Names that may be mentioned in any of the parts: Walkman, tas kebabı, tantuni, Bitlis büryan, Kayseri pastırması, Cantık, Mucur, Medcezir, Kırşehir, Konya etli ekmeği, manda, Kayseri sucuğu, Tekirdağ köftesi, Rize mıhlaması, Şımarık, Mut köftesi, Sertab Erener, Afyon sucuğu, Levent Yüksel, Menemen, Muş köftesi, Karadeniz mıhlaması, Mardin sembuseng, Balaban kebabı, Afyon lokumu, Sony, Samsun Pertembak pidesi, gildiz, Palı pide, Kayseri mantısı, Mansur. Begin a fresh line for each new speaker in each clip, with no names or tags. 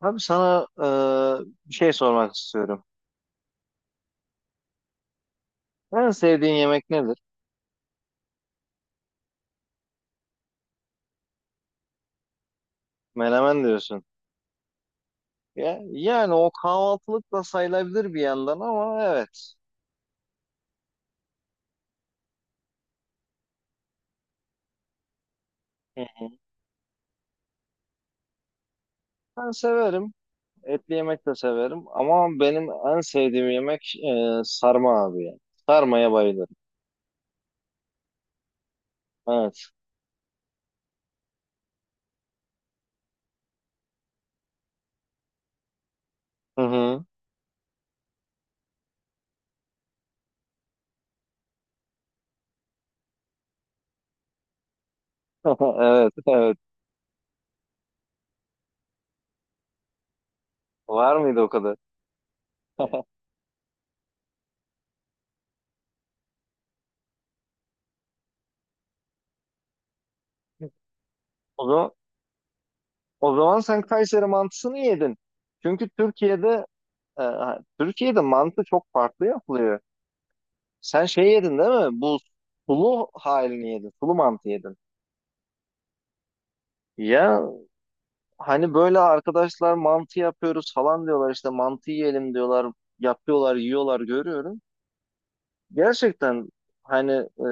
Abi sana bir şey sormak istiyorum. En sevdiğin yemek nedir? Menemen diyorsun. Ya, yani o kahvaltılık da sayılabilir bir yandan ama evet. Hı hı. Ben severim. Etli yemek de severim. Ama benim en sevdiğim yemek sarma abi ya. Sarmaya bayılırım. Evet. Hı hı. Evet, evet. Var mıydı o kadar? O zaman, o zaman sen Kayseri mantısını yedin. Çünkü e, Türkiye'de mantı çok farklı yapılıyor. Sen şey yedin değil mi? Bu sulu halini yedin. Sulu mantı yedin. Ya hani böyle arkadaşlar mantı yapıyoruz falan diyorlar işte mantı yiyelim diyorlar. Yapıyorlar, yiyorlar görüyorum. Gerçekten hani e,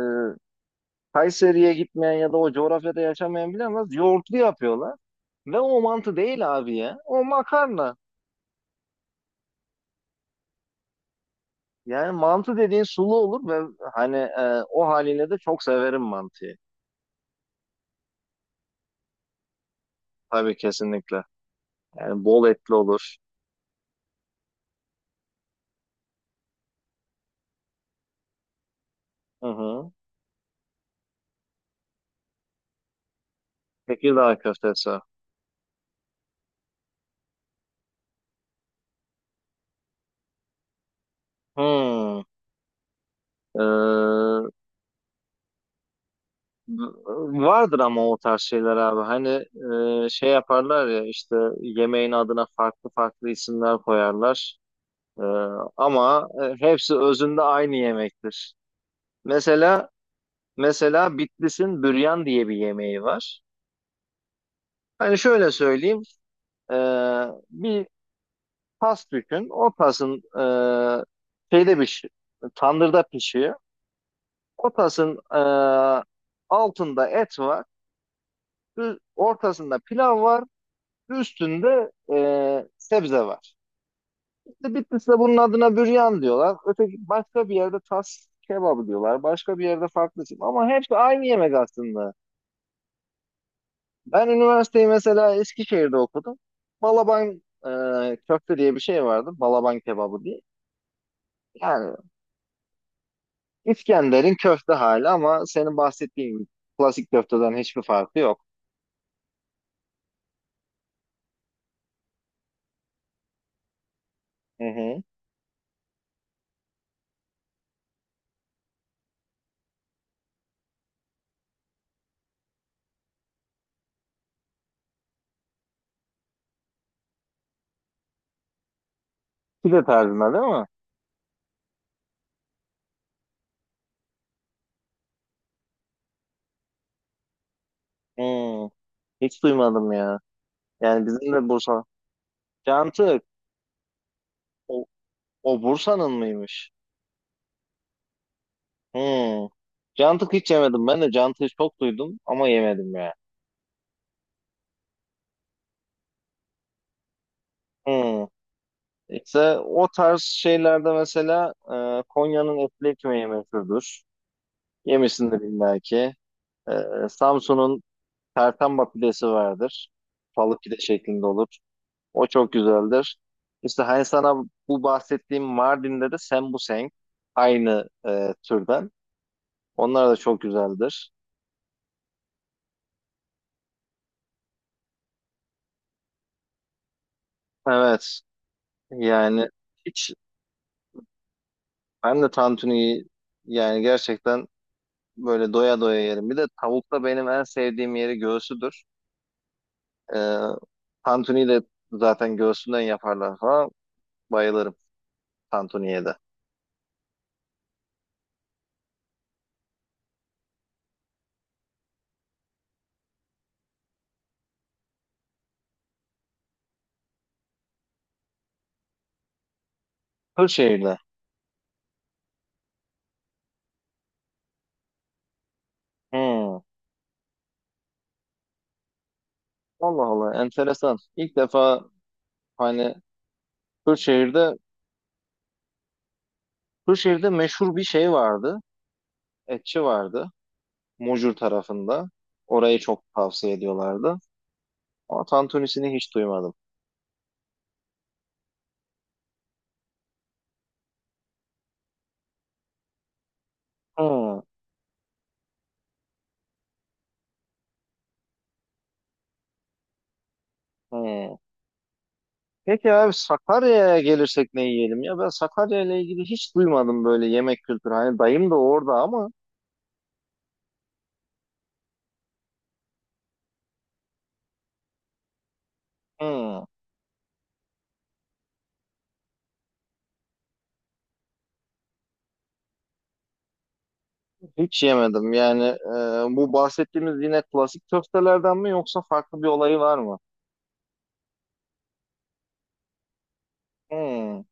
Kayseri'ye gitmeyen ya da o coğrafyada yaşamayan bilemez. Yoğurtlu yapıyorlar. Ve o mantı değil abi ya. O makarna. Yani mantı dediğin sulu olur ve hani o haline de çok severim mantıyı. Tabii kesinlikle. Yani bol etli olur. Hı hı. Tekirdağ köftesi. Hmm. Ee, vardır ama o tarz şeyler abi. Hani şey yaparlar ya işte yemeğin adına farklı farklı isimler koyarlar. Ee, ama hepsi özünde aynı yemektir. Mesela mesela Bitlis'in büryan diye bir yemeği var. Hani şöyle söyleyeyim. e, Bir tas düşün. O tasın şeyde bir tandırda pişiyor. Ortasının altında et var. Ortasında pilav var. Üstünde sebze var. İşte Bitlis'te bunun adına büryan diyorlar. Öteki başka bir yerde tas kebabı diyorlar. Başka bir yerde farklı isim. Ama hepsi aynı yemek aslında. Ben üniversiteyi mesela Eskişehir'de okudum. Balaban köfte diye bir şey vardı. Balaban kebabı diye. Yani İskender'in köfte hali ama senin bahsettiğin klasik köfteden hiçbir farkı yok. Hı hı. Pide tarzında değil mi? Hmm, hiç duymadım ya. Yani bizim de Bursa. Cantık. O, o Bursa'nın mıymış? Hmm. Cantık hiç yemedim. Ben de cantığı çok duydum ama yemedim ya. Hmm. İşte o tarz şeylerde mesela Konya'nın etli ekmeği meşhurdur. Yemişsindir illa ki. E, Samsun'un Pertembak pidesi vardır. Palı pide şeklinde olur. O çok güzeldir. İşte hani sana bu bahsettiğim Mardin'de de sembuseng aynı türden. Onlar da çok güzeldir. Evet. Yani hiç ben de tantuniyi yani gerçekten böyle doya doya yerim. Bir de tavukta benim en sevdiğim yeri göğsüdür. Ee, tantuniyi de zaten göğsünden yaparlar falan. Bayılırım tantuniye de. Kırşehir'de. Hmm. Allah Allah enteresan. İlk defa hani Kırşehir'de Kırşehir'de meşhur bir şey vardı. Etçi vardı. Mucur tarafında. Orayı çok tavsiye ediyorlardı. Ama tantunisini hiç duymadım. Hı, hı. Peki abi Sakarya'ya gelirsek ne yiyelim ya? Ben Sakarya ile ilgili hiç duymadım böyle yemek kültürü. Hani dayım da orada ama hı, hiç yemedim. Yani bu bahsettiğimiz yine klasik köftelerden mi yoksa farklı bir olayı var mı? Hı,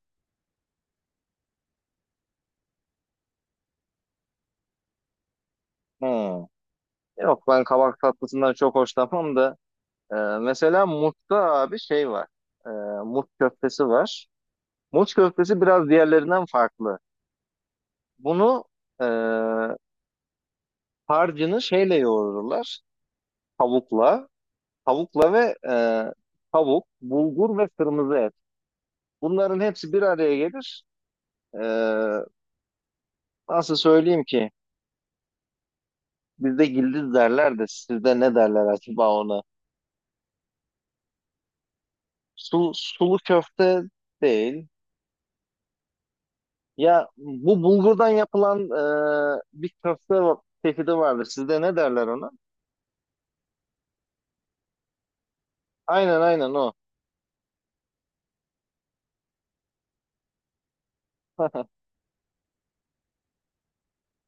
hı. Yok ben kabak tatlısından çok hoşlanmam da e, mesela Mut'ta abi şey var. E, Mut köftesi var. Mut köftesi biraz diğerlerinden farklı. Bunu e, harcını şeyle yoğururlar. Tavukla, tavukla ve tavuk, bulgur ve kırmızı et. Bunların hepsi bir araya gelir. E, nasıl söyleyeyim ki? Bizde gildiz derler de sizde ne derler acaba ona? Sulu köfte değil. Ya bu bulgurdan yapılan bir çeşidi vardır. Sizde ne derler ona? Aynen aynen o.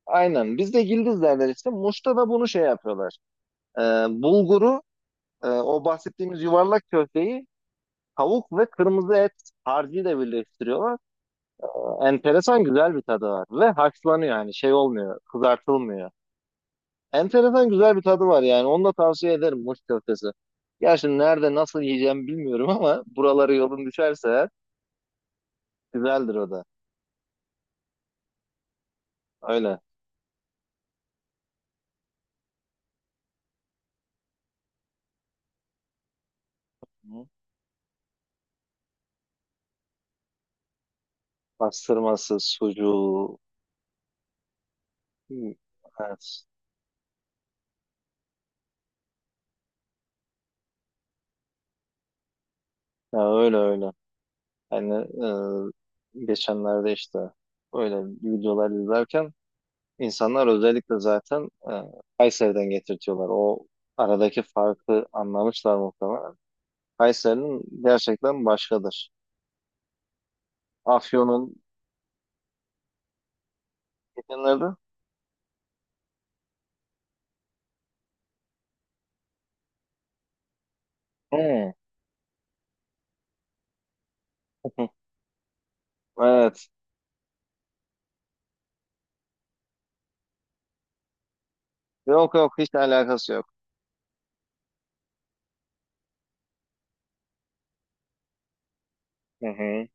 Aynen. Bizde gildiz derler işte. Muş'ta da bunu şey yapıyorlar. E, bulguru, o bahsettiğimiz yuvarlak köfteyi tavuk ve kırmızı et harcıyla birleştiriyorlar. Enteresan güzel bir tadı var. Ve haşlanıyor yani şey olmuyor, kızartılmıyor. Enteresan güzel bir tadı var yani. Onu da tavsiye ederim Muş köftesi. Gerçi nerede nasıl yiyeceğim bilmiyorum ama buraları yolun düşerse eğer, güzeldir o da. Öyle. Pastırması, sucuğu. Hmm, evet. Ya öyle öyle. Yani geçenlerde işte öyle videolar izlerken İnsanlar özellikle zaten Kayseri'den getirtiyorlar. O aradaki farkı anlamışlar muhtemelen. Kayseri'nin gerçekten başkadır. Afyon'un geçenlerde. Hı. Evet. Yok yok hiç alakası yok. Hı hı.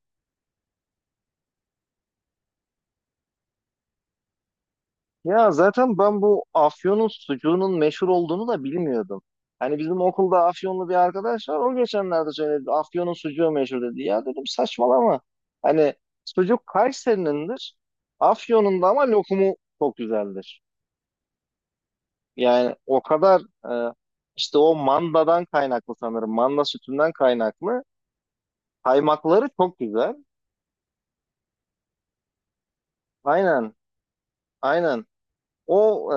Ya zaten ben bu Afyon'un sucuğunun meşhur olduğunu da bilmiyordum. Hani bizim okulda Afyonlu bir arkadaş var. O geçenlerde söyledi. Afyon'un sucuğu meşhur dedi. Ya dedim saçmalama. Hani sucuk Kayseri'nindir. Afyon'un da ama lokumu çok güzeldir. Yani o kadar e, işte o mandadan kaynaklı sanırım. Manda sütünden kaynaklı. Kaymakları çok güzel. Aynen. Aynen. O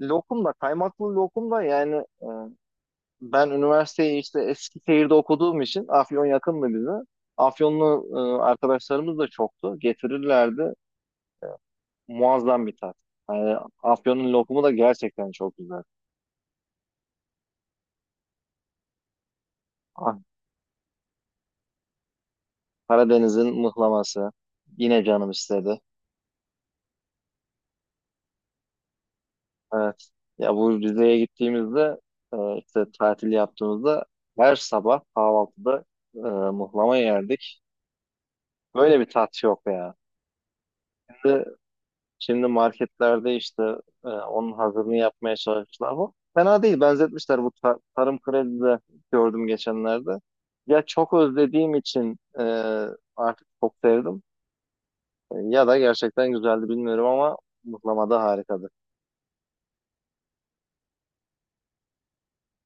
lokum da kaymaklı lokum da yani e, ben üniversiteyi işte Eskişehir'de okuduğum için Afyon yakındı bize. Afyonlu arkadaşlarımız da çoktu. Getirirlerdi. Muazzam bir tat. Yani Afyon'un lokumu da gerçekten çok güzel. Ah, Karadeniz'in mıhlaması. Yine canım istedi. Evet. Ya bu Rize'ye gittiğimizde işte tatil yaptığımızda her sabah kahvaltıda mıhlama yerdik. Böyle bir tat yok ya. Şimdi marketlerde işte onun hazırını yapmaya çalışmışlar bu. Fena değil benzetmişler bu tarım kredide gördüm geçenlerde. Ya çok özlediğim için artık çok sevdim. E, ya da gerçekten güzeldi bilmiyorum ama mıhlamada harika